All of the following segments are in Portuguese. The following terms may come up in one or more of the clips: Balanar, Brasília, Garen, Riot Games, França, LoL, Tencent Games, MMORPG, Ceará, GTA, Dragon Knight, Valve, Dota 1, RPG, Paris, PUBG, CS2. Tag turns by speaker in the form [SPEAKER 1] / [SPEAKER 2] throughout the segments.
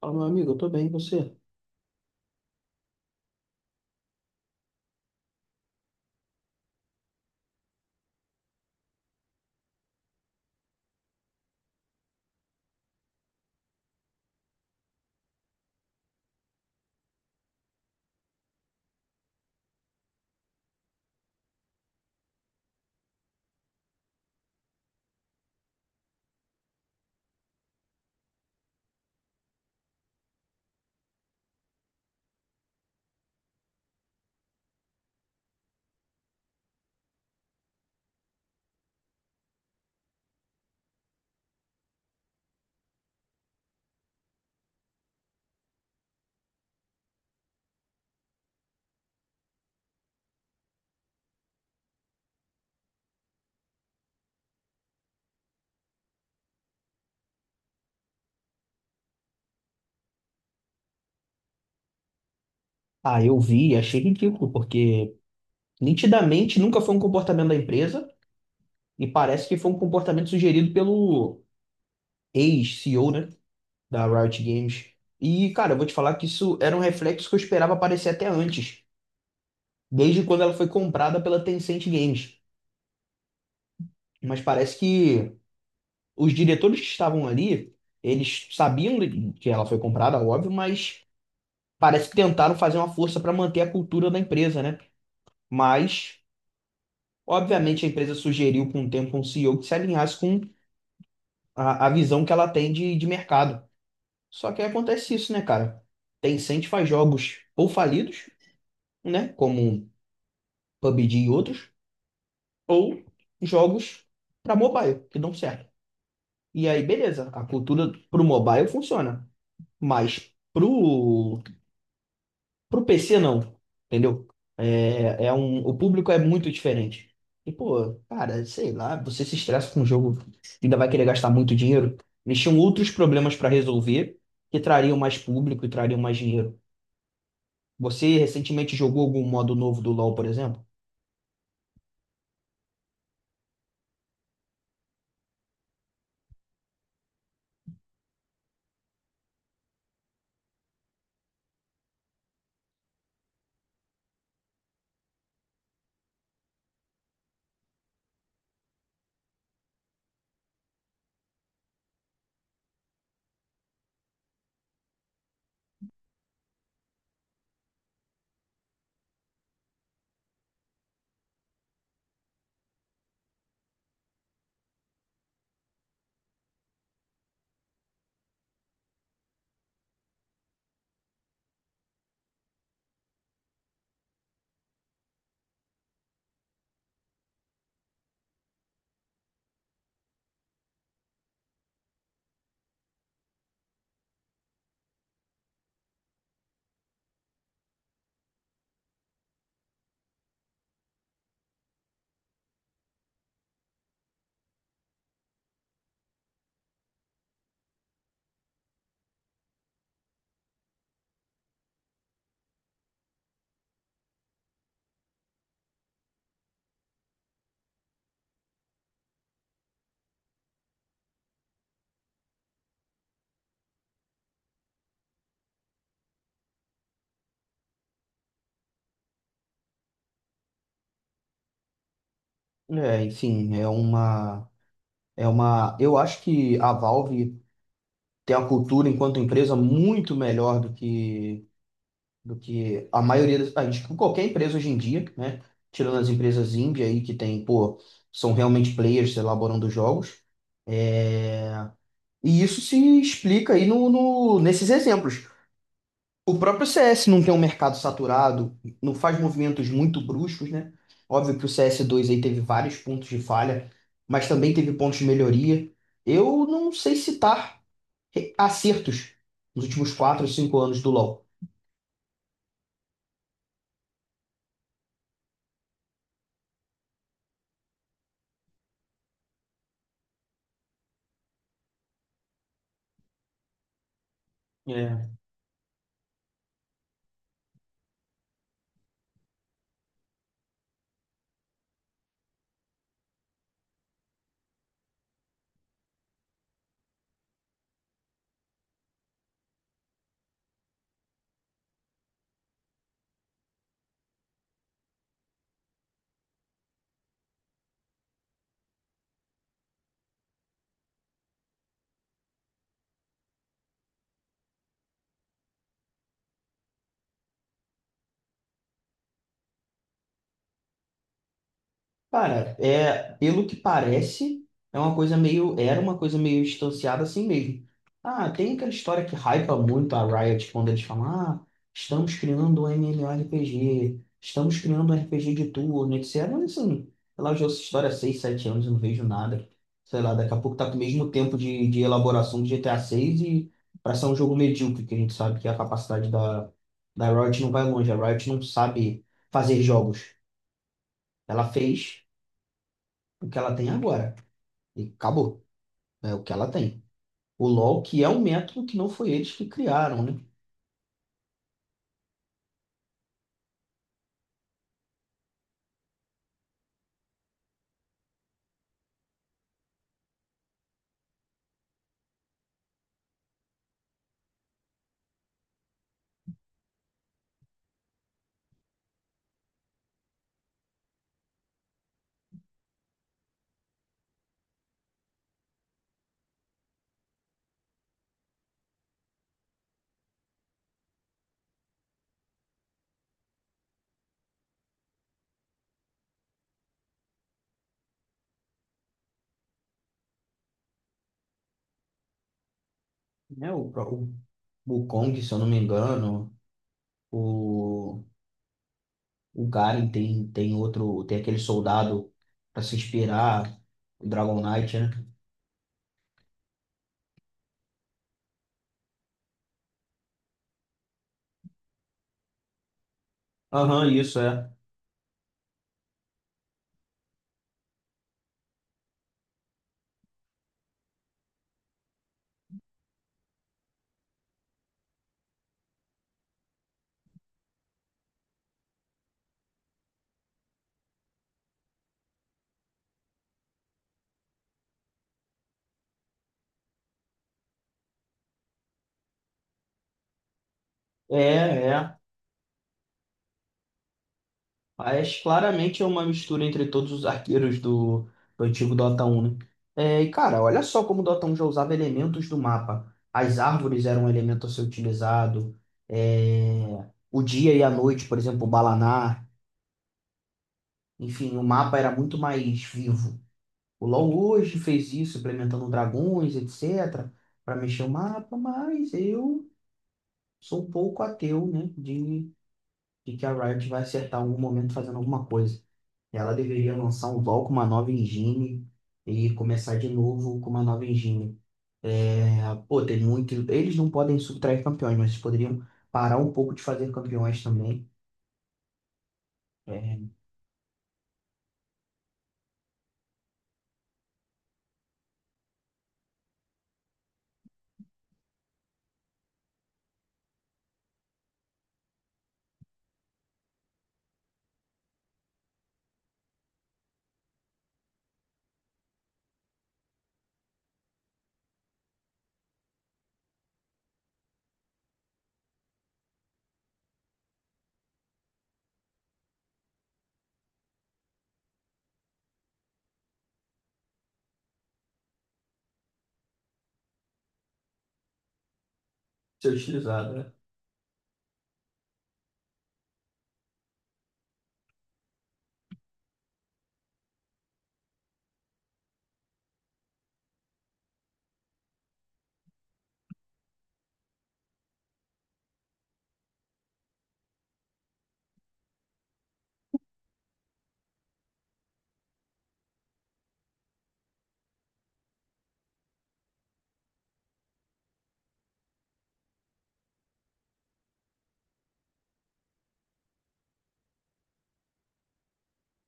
[SPEAKER 1] Fala, meu amigo, eu tô bem, e você? Ah, eu vi, e achei ridículo, porque nitidamente nunca foi um comportamento da empresa e parece que foi um comportamento sugerido pelo ex-CEO, né, da Riot Games. E, cara, eu vou te falar que isso era um reflexo que eu esperava aparecer até antes, desde quando ela foi comprada pela Tencent Games. Mas parece que os diretores que estavam ali, eles sabiam que ela foi comprada, óbvio, mas parece que tentaram fazer uma força para manter a cultura da empresa, né? Mas obviamente, a empresa sugeriu com o tempo um CEO que se alinhasse com a visão que ela tem de mercado. Só que aí acontece isso, né, cara? Tencent faz jogos ou falidos, né, como PUBG e outros, ou jogos para mobile, que dão certo. E aí, beleza, a cultura pro mobile funciona, mas pro PC, não. Entendeu? O público é muito diferente. E, pô, cara, sei lá, você se estressa com o jogo, ainda vai querer gastar muito dinheiro. Eles tinham outros problemas para resolver que trariam mais público e trariam mais dinheiro. Você recentemente jogou algum modo novo do LoL, por exemplo? É, enfim, é uma. Eu acho que a Valve tem uma cultura enquanto empresa muito melhor do que a maioria das, acho que qualquer empresa hoje em dia, né? Tirando as empresas indie aí que tem, pô, são realmente players elaborando jogos. É, e isso se explica aí nesses exemplos. O próprio CS não tem um mercado saturado, não faz movimentos muito bruscos, né? Óbvio que o CS2 aí teve vários pontos de falha, mas também teve pontos de melhoria. Eu não sei citar acertos nos últimos 4 ou 5 anos do LoL. Cara, é, pelo que parece, era uma coisa meio distanciada assim mesmo. Ah, tem aquela história que hypa muito a Riot quando eles falam, ah, estamos criando um MMORPG, estamos criando um RPG de turno, etc. Mas assim, sei lá, eu já ouço essa história há 6, 7 anos, eu não vejo nada. Sei lá, daqui a pouco tá com o mesmo tempo de elaboração do GTA 6 e para ser um jogo medíocre, que a gente sabe que a capacidade da Riot não vai longe, a Riot não sabe fazer jogos. Ela fez o que ela tem agora. E acabou. É o que ela tem. O LoL, que é um método que não foi eles que criaram, né? Né, o Kong, se eu não me engano, o, o Garen tem outro, tem aquele soldado para se inspirar, o Dragon Knight, né? Aham, isso é. É, é. Mas claramente é uma mistura entre todos os arqueiros do antigo Dota 1, né? É, e cara, olha só como o Dota 1 já usava elementos do mapa. As árvores eram um elemento a ser utilizado, é, o dia e a noite, por exemplo, o Balanar. Enfim, o mapa era muito mais vivo. O LoL hoje fez isso, implementando dragões, etc., para mexer o mapa, mas eu sou um pouco ateu, né, de que a Riot vai acertar em algum momento fazendo alguma coisa. Ela deveria lançar um LoL com uma nova engine e começar de novo com uma nova engine. É, pô, tem muito. Eles não podem subtrair campeões, mas eles poderiam parar um pouco de fazer campeões também. É, ser utilizado, né?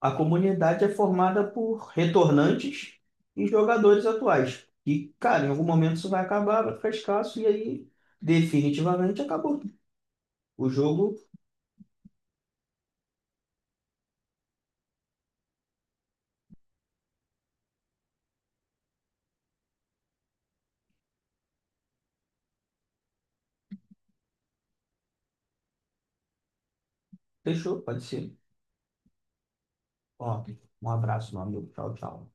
[SPEAKER 1] A comunidade é formada por retornantes e jogadores atuais. E, cara, em algum momento isso vai acabar, vai ficar escasso, e aí definitivamente acabou. O jogo Fechou, pode ser. Ó, um abraço, meu amigo. Tchau, tchau.